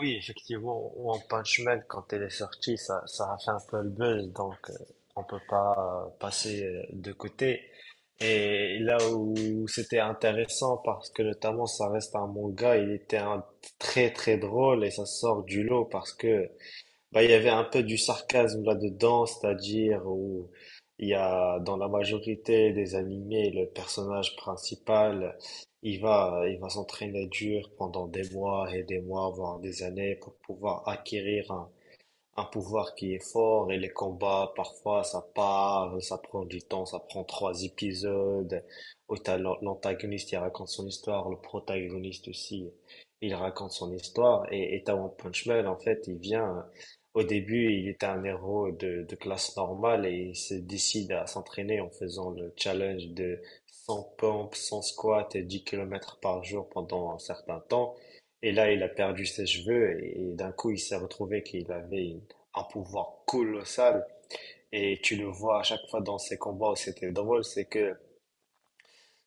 Oui, effectivement, One Punch Man, quand elle est sortie, ça a fait un peu le buzz, donc on peut pas passer de côté. Et là où c'était intéressant, parce que notamment ça reste un manga, très très drôle et ça sort du lot parce que bah, il y avait un peu du sarcasme là-dedans, c'est-à-dire où il y a dans la majorité des animés, le personnage principal, il va s'entraîner dur pendant des mois et des mois, voire des années pour pouvoir acquérir un pouvoir qui est fort et les combats, parfois, ça part, ça prend du temps, ça prend trois épisodes. Où t'as l'antagoniste, il raconte son histoire, le protagoniste aussi, il raconte son histoire. Et t'as One Punch Man, en fait, il vient, au début, il était un héros de classe normale et il se décide à s'entraîner en faisant le challenge de 100 pompes, 100 squats et 10 km par jour pendant un certain temps. Et là, il a perdu ses cheveux et d'un coup, il s'est retrouvé qu'il avait un pouvoir colossal. Et tu le vois à chaque fois dans ces combats où c'était drôle, c'est que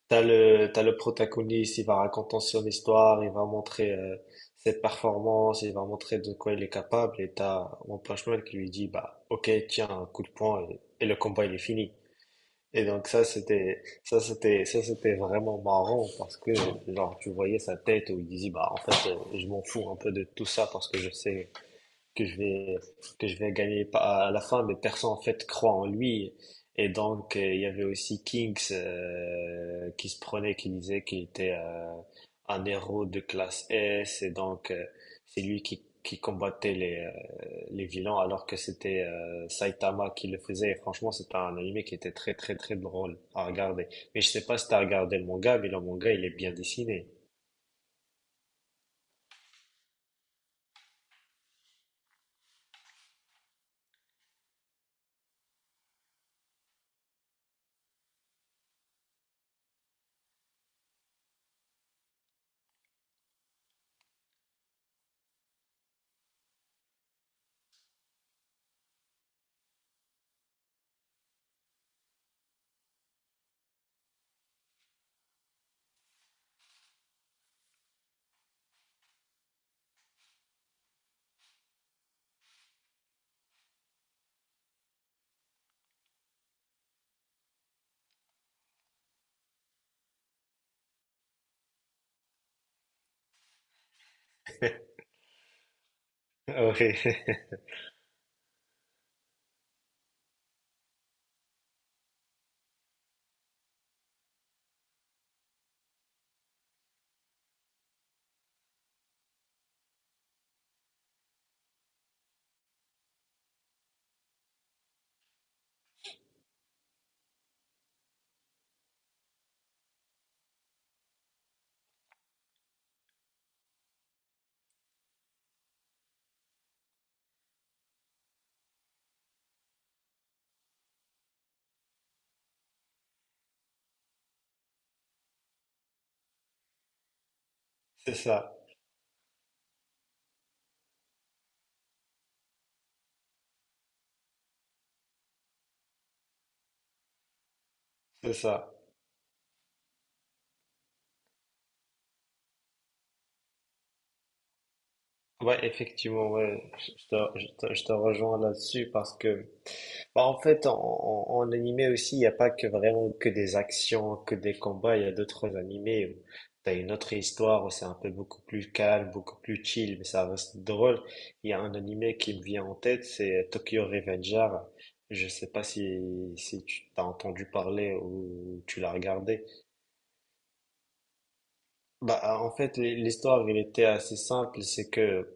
t'as le protagoniste, il va raconter son histoire, il va montrer cette performance, il va montrer de quoi il est capable, et t'as One Punch Man qui lui dit, bah, ok, tiens, un coup de poing, et le combat, il est fini. Et donc ça, c'était vraiment marrant, parce que, genre, tu voyais sa tête où il disait, bah, en fait, je m'en fous un peu de tout ça, parce que je sais que je vais que je vais gagner pas à la fin, mais personne en fait croit en lui. Et donc il y avait aussi Kings qui se prenait, qui disait qu'il était un héros de classe S, et donc c'est lui qui combattait les vilains, alors que c'était Saitama qui le faisait. Et franchement, c'était un animé qui était très très très drôle à regarder. Mais je sais pas si t'as regardé le manga, mais le manga il est bien dessiné. Oui, c'est ça, c'est ça. Ouais, effectivement, ouais, je te rejoins là-dessus parce que, bah, en fait, en animé aussi, il n'y a pas que vraiment que des actions, que des combats, il y a d'autres animés où tu une autre histoire où c'est un peu beaucoup plus calme, beaucoup plus chill, mais ça reste drôle. Il y a un animé qui me vient en tête, c'est Tokyo Revenger. Je sais pas si, si tu t'as entendu parler ou tu l'as regardé. Bah, en fait, l'histoire, elle était assez simple, c'est que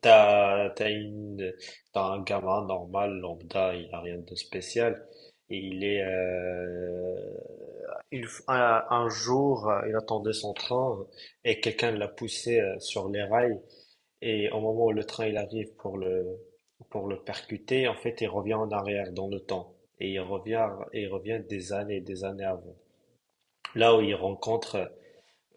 T'as, t'as une, t'as un gamin normal, lambda, il n'a rien de spécial. Et il est, il, un jour, il attendait son train et quelqu'un l'a poussé sur les rails. Et au moment où le train il arrive pour le percuter, en fait, il revient en arrière dans le temps. Et il revient des années et des années avant. Là où il rencontre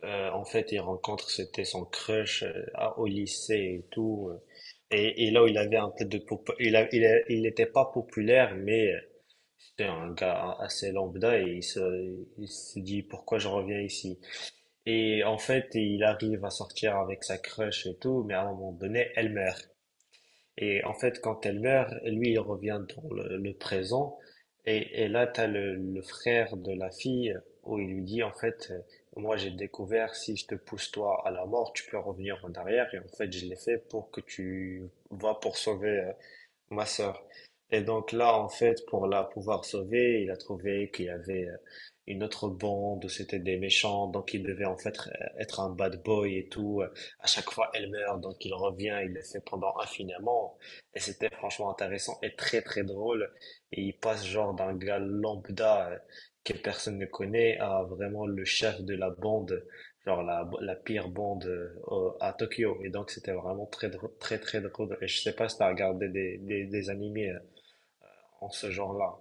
en fait, c'était son crush au lycée et tout. Et là, il avait un peu de... pop- Il a, il a- il n'était pas populaire, mais c'était un gars assez lambda et il se dit pourquoi je reviens ici. Et en fait, il arrive à sortir avec sa crush et tout, mais à un moment donné, elle meurt. Et en fait, quand elle meurt, lui, il revient dans le présent. Et là, tu as le frère de la fille où il lui dit, en fait, moi, j'ai découvert, si je te pousse toi à la mort, tu peux revenir en arrière. Et en fait, je l'ai fait pour que tu vas pour sauver ma sœur. Et donc là, en fait, pour la pouvoir sauver, il a trouvé qu'il y avait une autre bande, c'était des méchants, donc il devait en fait être un bad boy et tout. À chaque fois, elle meurt, donc il revient, il le fait pendant infiniment. Et c'était franchement intéressant et très très drôle. Et il passe genre d'un gars lambda que personne ne connaît à vraiment le chef de la bande genre la pire bande à Tokyo. Et donc, c'était vraiment très, très drôle. Et je sais pas si t'as regardé des animés en ce genre-là.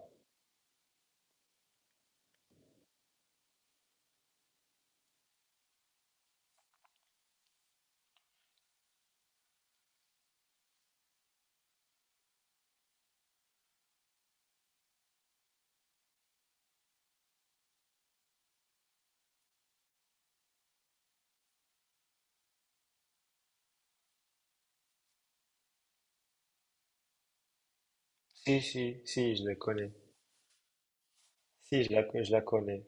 Si, si, si, je le connais. Si, je la connais.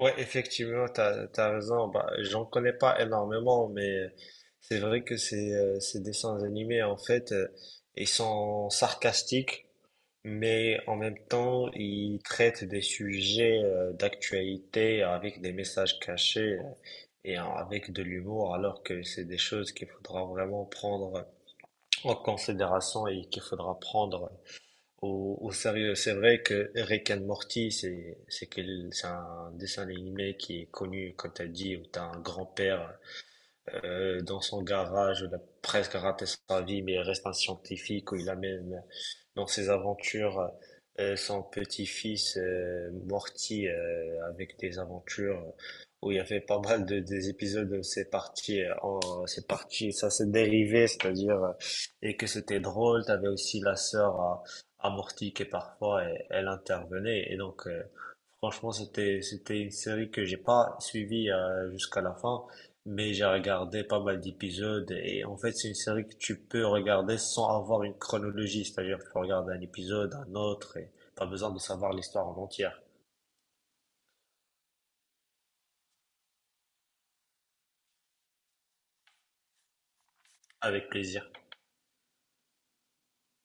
Ouais, effectivement, t'as raison. Bah, j'en connais pas énormément, mais c'est vrai que ces dessins animés, en fait, ils sont sarcastiques. Mais en même temps, il traite des sujets d'actualité avec des messages cachés et avec de l'humour, alors que c'est des choses qu'il faudra vraiment prendre en considération et qu'il faudra prendre au sérieux. C'est vrai que Rick and Morty, c'est un dessin animé qui est connu, comme tu as dit, où tu as un grand-père dans son garage, il a presque raté sa vie, mais il reste un scientifique où il amène dans ses aventures son petit-fils Morty avec des aventures où il y avait pas mal de des épisodes où c'est parti en c'est parti ça s'est dérivé c'est-à-dire et que c'était drôle t'avais aussi la sœur à Morty qui parfois elle, elle intervenait et donc Franchement, c'était une série que j'ai pas suivie jusqu'à la fin, mais j'ai regardé pas mal d'épisodes et en fait, c'est une série que tu peux regarder sans avoir une chronologie, c'est-à-dire que tu peux regarder un épisode, un autre et pas besoin de savoir l'histoire en entière. Avec plaisir.